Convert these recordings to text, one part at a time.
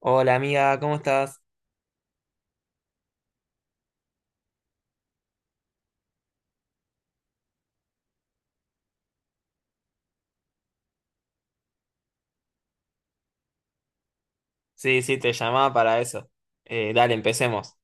Hola amiga, ¿cómo estás? Sí, sí, te llamaba para eso. Dale, empecemos.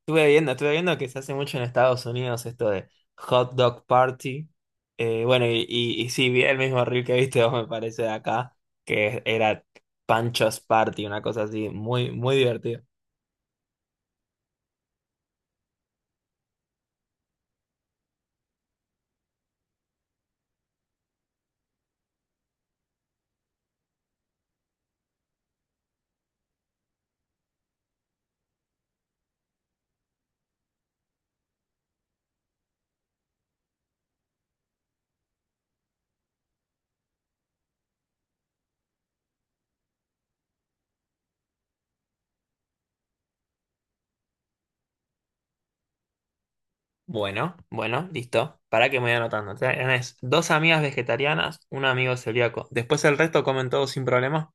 Estuve viendo que se hace mucho en Estados Unidos esto de hot dog party. Bueno, y sí, vi el mismo reel que viste vos, me parece, de acá, que era Panchos Party, una cosa así, muy, muy divertida. Bueno, bueno, listo. Para que me voy anotando. Tenés dos amigas vegetarianas, un amigo celíaco. Después el resto comen todo sin problema.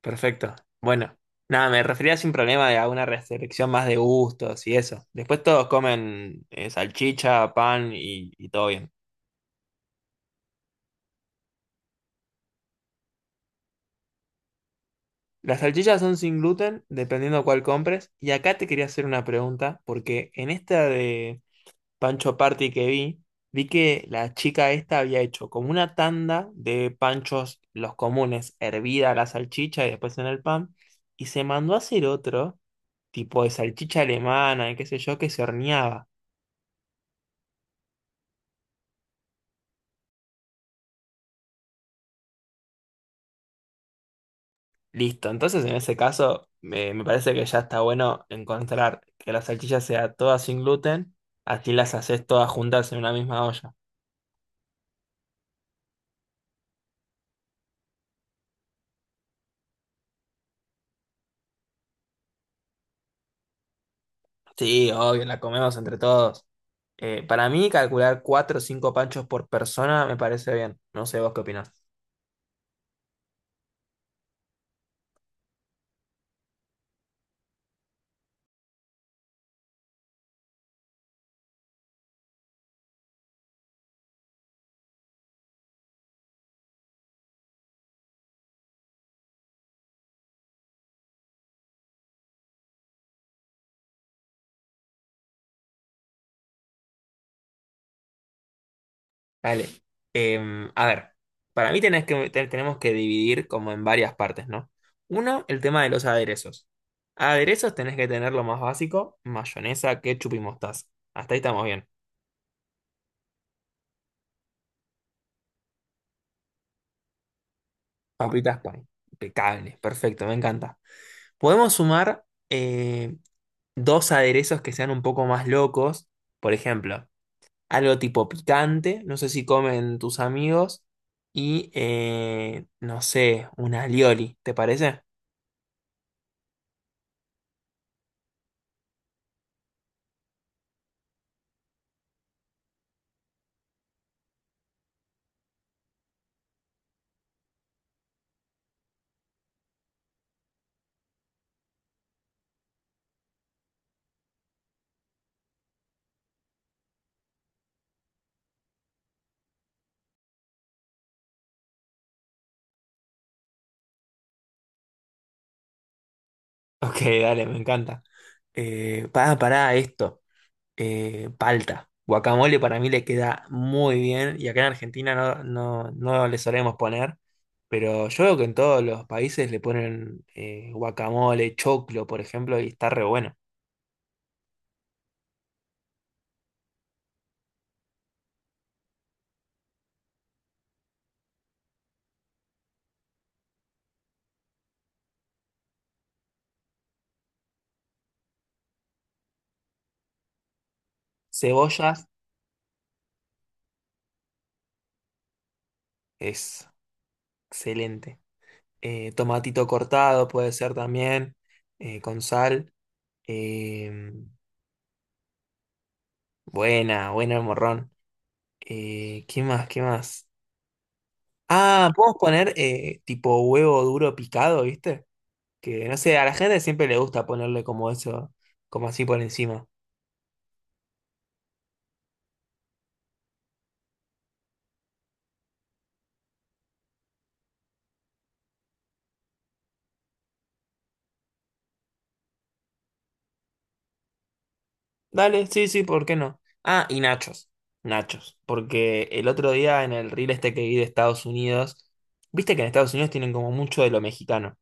Perfecto. Bueno, nada, me refería sin problema a una restricción más de gustos y eso. Después todos comen salchicha, pan y todo bien. Las salchichas son sin gluten, dependiendo cuál compres. Y acá te quería hacer una pregunta, porque en esta de Pancho Party que vi, vi que la chica esta había hecho como una tanda de panchos, los comunes, hervida la salchicha y después en el pan, y se mandó a hacer otro, tipo de salchicha alemana y qué sé yo, que se horneaba. Listo, entonces en ese caso me parece que ya está bueno encontrar que la salchicha sea toda sin gluten, así las haces todas juntas en una misma olla. Sí, obvio, la comemos entre todos. Para mí calcular cuatro o cinco panchos por persona me parece bien, no sé vos qué opinás. Dale. A ver, para mí tenemos que dividir como en varias partes, ¿no? Uno, el tema de los aderezos. Aderezos tenés que tener lo más básico, mayonesa, ketchup y mostaza. Hasta ahí estamos bien. Papitas pan. Impecable, perfecto, me encanta. Podemos sumar dos aderezos que sean un poco más locos. Por ejemplo, algo tipo picante, no sé si comen tus amigos. Y no sé, un alioli, ¿te parece? Ok, dale, me encanta. Pará, pará, esto, palta. Guacamole para mí le queda muy bien y acá en Argentina no, no, no le solemos poner, pero yo veo que en todos los países le ponen guacamole, choclo, por ejemplo, y está re bueno. Cebollas es excelente. Tomatito cortado puede ser también, con sal. Eh, buena, buena el morrón. ¿Qué más? ¿Qué más? Ah, podemos poner tipo huevo duro picado, ¿viste? Que no sé, a la gente siempre le gusta ponerle como eso, como así por encima. Dale, sí, sí, ¿por qué no? Ah, y nachos. Nachos. Porque el otro día en el reel este que vi de Estados Unidos, viste que en Estados Unidos tienen como mucho de lo mexicano.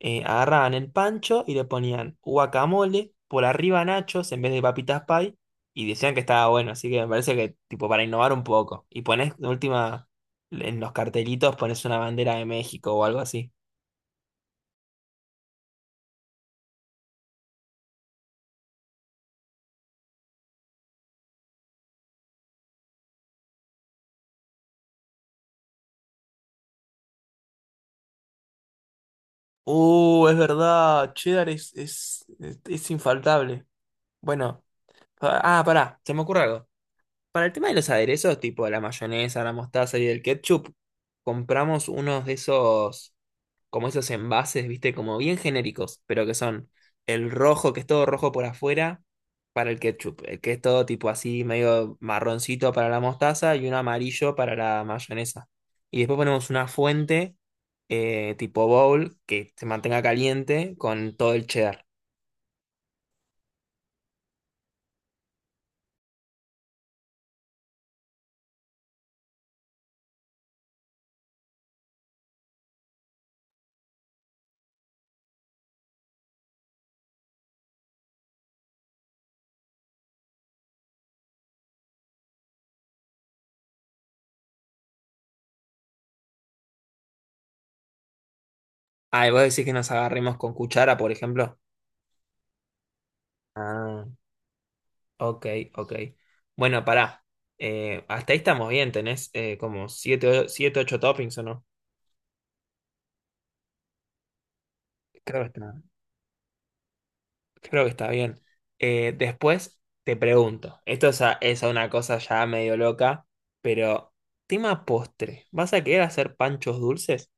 Agarraban el pancho y le ponían guacamole, por arriba nachos en vez de papitas pie, y decían que estaba bueno. Así que me parece que, tipo, para innovar un poco. Y pones, de última, en los cartelitos pones una bandera de México o algo así. Es verdad, cheddar es infaltable. Bueno, pará, se me ocurre algo. Para el tema de los aderezos, tipo la mayonesa, la mostaza y el ketchup, compramos unos de esos como esos envases, viste, como bien genéricos, pero que son el rojo, que es todo rojo por afuera, para el ketchup, el que es todo tipo así, medio marroncito para la mostaza y un amarillo para la mayonesa. Y después ponemos una fuente tipo bowl que se mantenga caliente con todo el cheddar. Ah, y vos decís que nos agarremos con cuchara, por ejemplo. Ah, ok, ok. Bueno, pará. Hasta ahí estamos bien, tenés como siete, ocho toppings o no. Creo que está. Creo que está bien. Después te pregunto, esto es, es a una cosa ya medio loca, pero tema postre, ¿vas a querer hacer panchos dulces?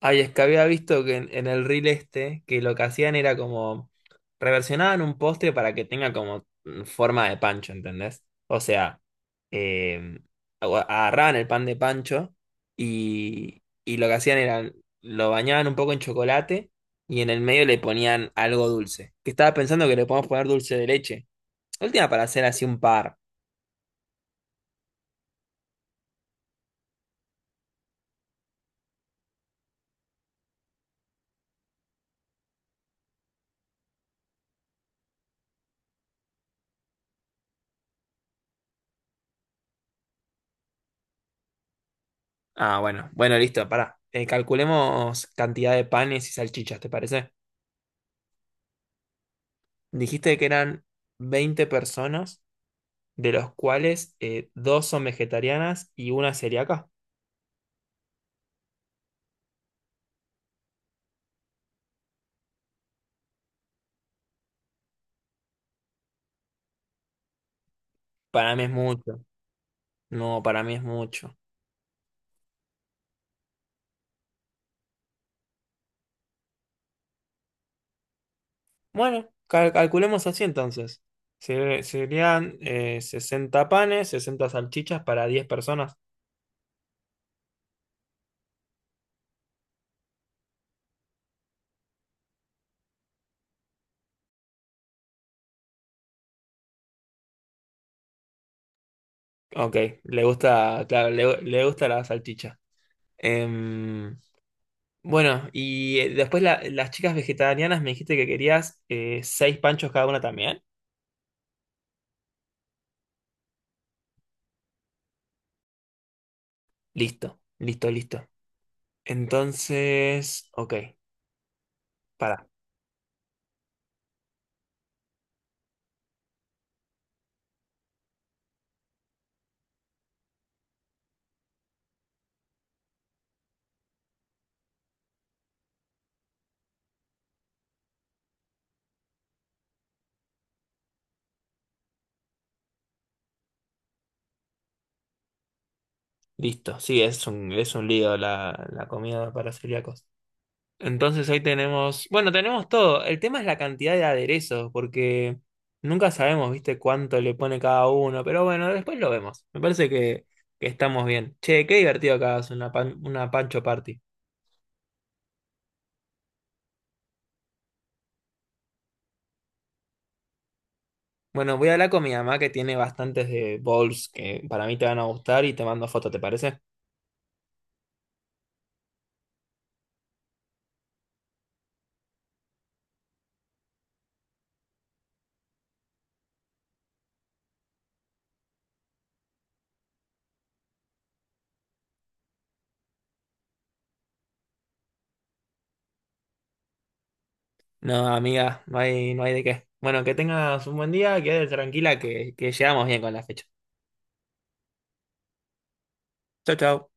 Ay, es que había visto que en el reel este, que lo que hacían era como reversionaban un postre para que tenga como forma de pancho, ¿entendés? O sea, eh, agarraban el pan de pancho y lo que hacían era lo bañaban un poco en chocolate y en el medio le ponían algo dulce. Que estaba pensando que le podemos poner dulce de leche. Última para hacer así un par. Ah, bueno, bueno, listo, pará. Calculemos cantidad de panes y salchichas, ¿te parece? Dijiste que eran 20 personas, de los cuales dos son vegetarianas y una celíaca. Para mí es mucho. No, para mí es mucho. Bueno, calculemos así entonces. Serían 60 panes, 60 salchichas para 10 personas. Ok, le gusta, claro, le gusta la salchicha. Em, bueno, y después las chicas vegetarianas me dijiste que querías 6 panchos cada una también. Listo, listo, listo. Entonces, ok, para, listo. Sí, es un lío la, la comida para celíacos. Entonces hoy tenemos, bueno, tenemos todo. El tema es la cantidad de aderezos, porque nunca sabemos, viste, cuánto le pone cada uno, pero bueno, después lo vemos. Me parece que estamos bien. Che, qué divertido que hagas una, una pancho party. Bueno, voy a hablar con mi mamá que tiene bastantes de bowls que para mí te van a gustar y te mando foto, ¿te parece? No, amiga, no hay, no hay de qué. Bueno, que tengas un buen día, quédate tranquila que llegamos bien con la fecha. Chau, chau.